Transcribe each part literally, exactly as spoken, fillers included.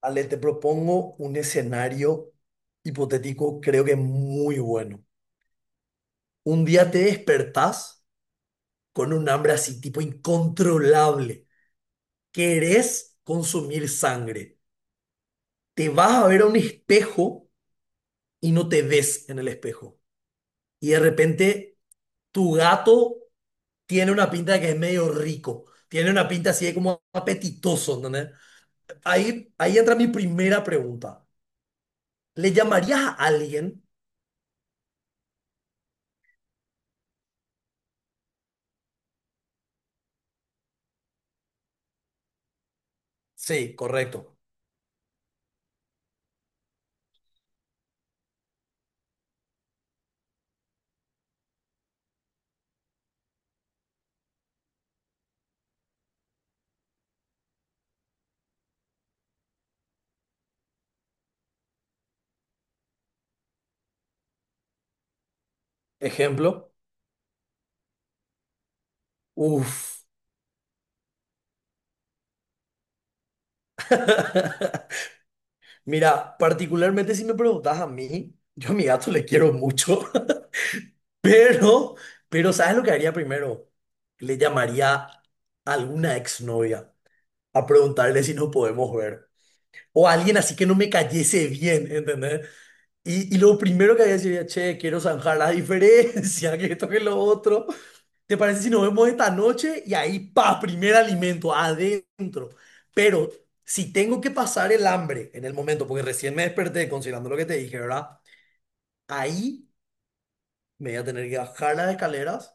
Ale, te propongo un escenario hipotético, creo que muy bueno. Un día te despertás con un hambre así, tipo incontrolable. Querés consumir sangre. Te vas a ver a un espejo y no te ves en el espejo. Y de repente tu gato tiene una pinta de que es medio rico. Tiene una pinta así de como apetitoso, ¿entendés? Ahí, ahí entra mi primera pregunta. ¿Le llamarías a alguien? Sí, correcto. Ejemplo. Uf. Mira, particularmente si me preguntas a mí, yo a mi gato le quiero mucho, pero, pero ¿sabes lo que haría primero? Le llamaría a alguna exnovia a preguntarle si nos podemos ver. O a alguien así que no me cayese bien, ¿entendés? Y, y lo primero que haría sería, che, quiero zanjar la diferencia, que esto que lo otro. ¿Te parece si nos vemos esta noche? Y ahí, pa, primer alimento, adentro. Pero si tengo que pasar el hambre en el momento, porque recién me desperté considerando lo que te dije, ¿verdad? Ahí me voy a tener que bajar las escaleras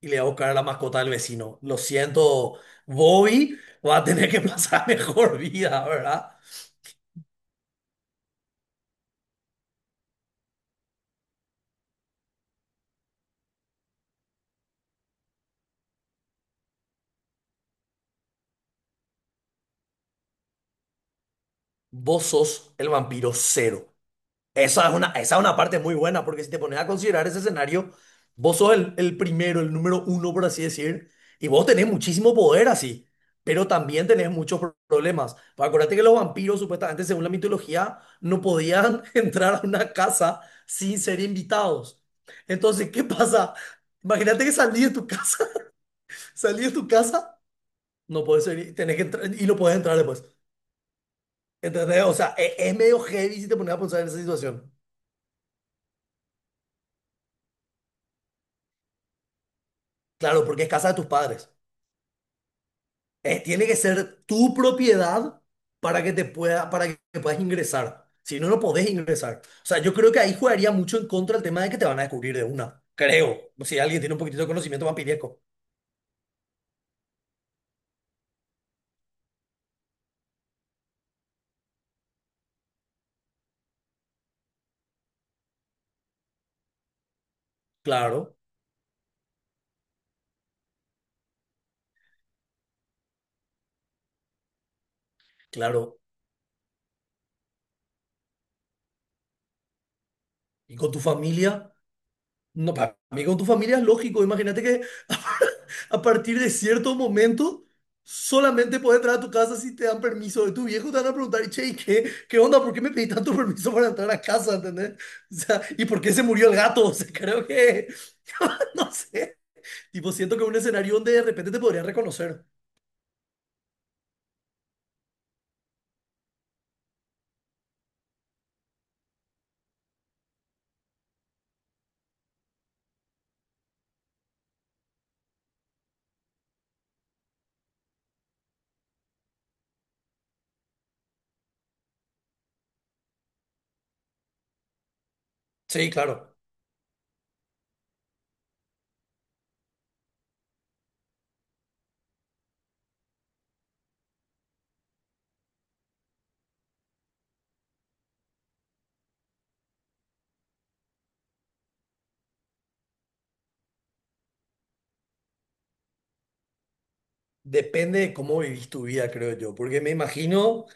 y le voy a buscar a la mascota del vecino. Lo siento, Bobby va a tener que pasar mejor vida, ¿verdad? Vos sos el vampiro cero. Esa es una, esa es una parte muy buena, porque si te pones a considerar ese escenario, vos sos el, el primero, el número uno, por así decir, y vos tenés muchísimo poder así, pero también tenés muchos pro- problemas. Pues acuérdate que los vampiros, supuestamente, según la mitología, no podían entrar a una casa sin ser invitados. Entonces, ¿qué pasa? Imagínate que salí de tu casa, salí de tu casa, no puedes ser, tenés que entrar y no puedes entrar después. ¿Entendés? O sea, e- es medio heavy si te pones a pensar en esa situación. Claro, porque es casa de tus padres. Eh, tiene que ser tu propiedad para que te pueda, para que puedas ingresar. Si no, no podés ingresar. O sea, yo creo que ahí jugaría mucho en contra el tema de que te van a descubrir de una. Creo. Si alguien tiene un poquitito de conocimiento vampiriesco. Claro, claro. ¿Y con tu familia? No, para mí con tu familia es lógico. Imagínate que a partir de cierto momento solamente puedes entrar a tu casa si te dan permiso de tu viejo. Te van a preguntar, che, ¿y ¿qué, qué onda? ¿Por qué me pedí tanto permiso para entrar a casa? ¿Entendés? O sea, ¿y por qué se murió el gato? O sea, creo que, no sé. Tipo, siento que es un escenario donde de repente te podrían reconocer. Sí, claro. Depende de cómo vivís tu vida, creo yo, porque me imagino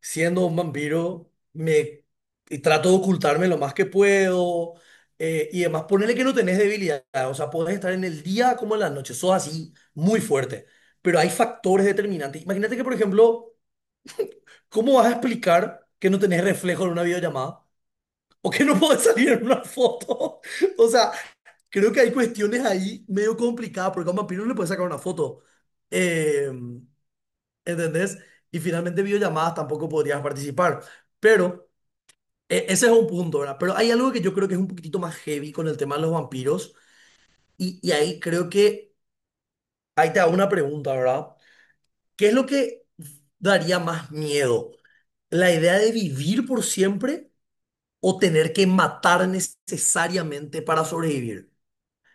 siendo un vampiro, me y trato de ocultarme lo más que puedo eh, y además ponerle que no tenés debilidad, o sea, podés estar en el día como en la noche, sos así, muy fuerte, pero hay factores determinantes. Imagínate que, por ejemplo, ¿cómo vas a explicar que no tenés reflejo en una videollamada o que no podés salir en una foto? O sea, creo que hay cuestiones ahí medio complicadas, porque a un vampiro no le puedes sacar una foto. Em, ¿Entendés? Y finalmente videollamadas tampoco podrías participar. Pero eh, ese es un punto, ¿verdad? Pero hay algo que yo creo que es un poquitito más heavy con el tema de los vampiros. Y, y ahí creo que, ahí te hago una pregunta, ¿verdad? ¿Qué es lo que daría más miedo? ¿La idea de vivir por siempre o tener que matar necesariamente para sobrevivir?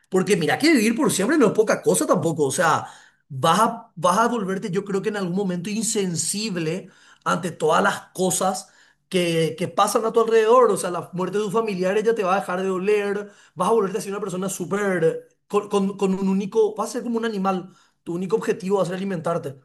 Porque mira que vivir por siempre no es poca cosa tampoco. O sea, vas a, vas a volverte, yo creo que en algún momento insensible ante todas las cosas que, que pasan a tu alrededor. O sea, la muerte de tus familiares ya te va a dejar de doler. Vas a volverte así una persona súper, con, con, con un único, vas a ser como un animal. Tu único objetivo va a ser alimentarte.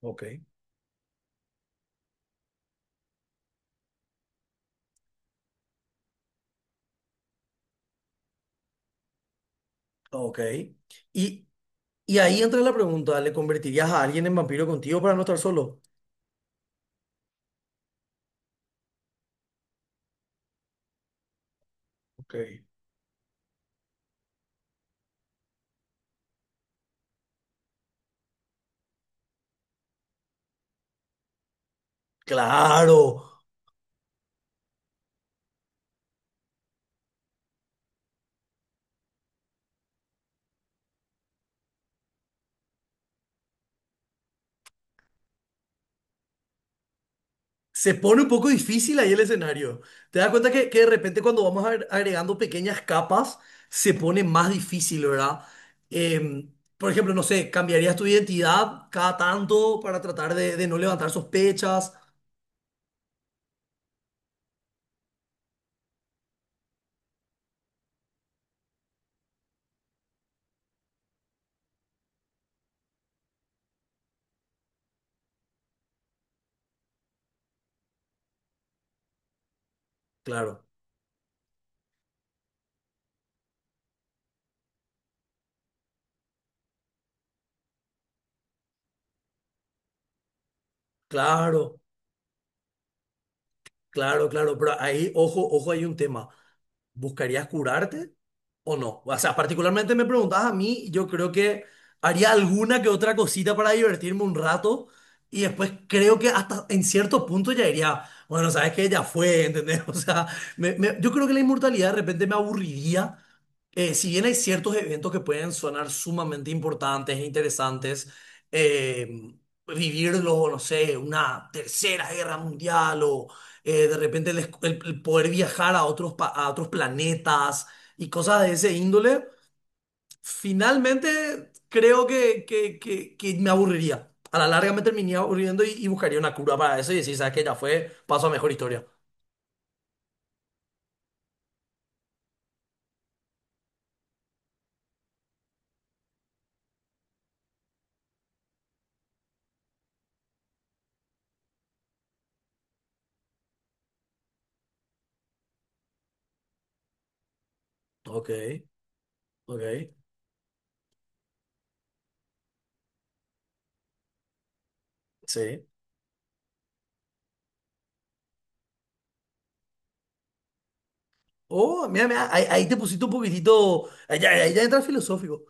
Ok. Ok. Y, y ahí entra la pregunta, ¿le convertirías a alguien en vampiro contigo para no estar solo? Ok. Claro. Se pone un poco difícil ahí el escenario. Te das cuenta que, que de repente cuando vamos agre- agregando pequeñas capas, se pone más difícil, ¿verdad? Eh, por ejemplo, no sé, ¿cambiarías tu identidad cada tanto para tratar de, de no levantar sospechas? Claro, claro, claro, claro, pero ahí, ojo, ojo, hay un tema. ¿Buscarías curarte o no? O sea, particularmente me preguntabas a mí, yo creo que haría alguna que otra cosita para divertirme un rato y después creo que hasta en cierto punto ya diría, bueno, sabes que ya fue, ¿entendés? O sea, me- me- yo creo que la inmortalidad de repente me aburriría eh, si bien hay ciertos eventos que pueden sonar sumamente importantes e interesantes, eh, vivirlo, no sé, una tercera guerra mundial o eh, de repente el, es- el- el poder viajar a otros, pa- a otros planetas y cosas de ese índole, finalmente creo que, que- que- que me aburriría. A la larga me terminaría aburriendo y, y buscaría una cura para eso y decir, ¿sabes qué? Ya fue, paso a mejor historia. Ok, ok, sí. Oh, mira, mira, ahí, ahí te pusiste un poquitito, ahí ya, ahí ya entras filosófico.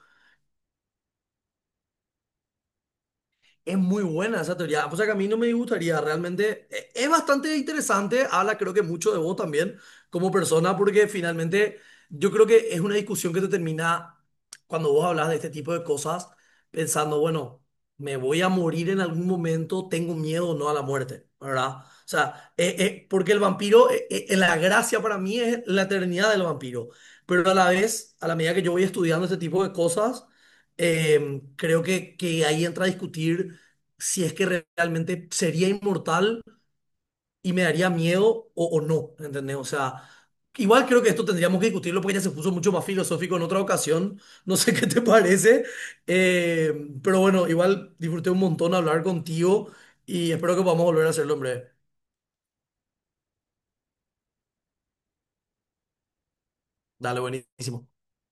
Es muy buena esa teoría. O sea que a mí no me gustaría realmente. e- Es bastante interesante. Habla, creo que mucho de vos también como persona, porque finalmente yo creo que es una discusión que te termina cuando vos hablas de este tipo de cosas, pensando, bueno, me voy a morir en algún momento, tengo miedo o no a la muerte, ¿verdad? O sea, eh, eh, porque el vampiro, eh, eh, la gracia para mí es la eternidad del vampiro. Pero a la vez, a la medida que yo voy estudiando este tipo de cosas, em, creo que, que ahí entra a discutir si es que realmente sería inmortal y me daría miedo o, o no, ¿entendés? O sea, igual creo que esto tendríamos que discutirlo porque ya se puso mucho más filosófico en otra ocasión, no sé qué te parece, eh, pero bueno, igual disfruté un montón hablar contigo y espero que podamos volver a hacerlo, hombre. Dale, buenísimo.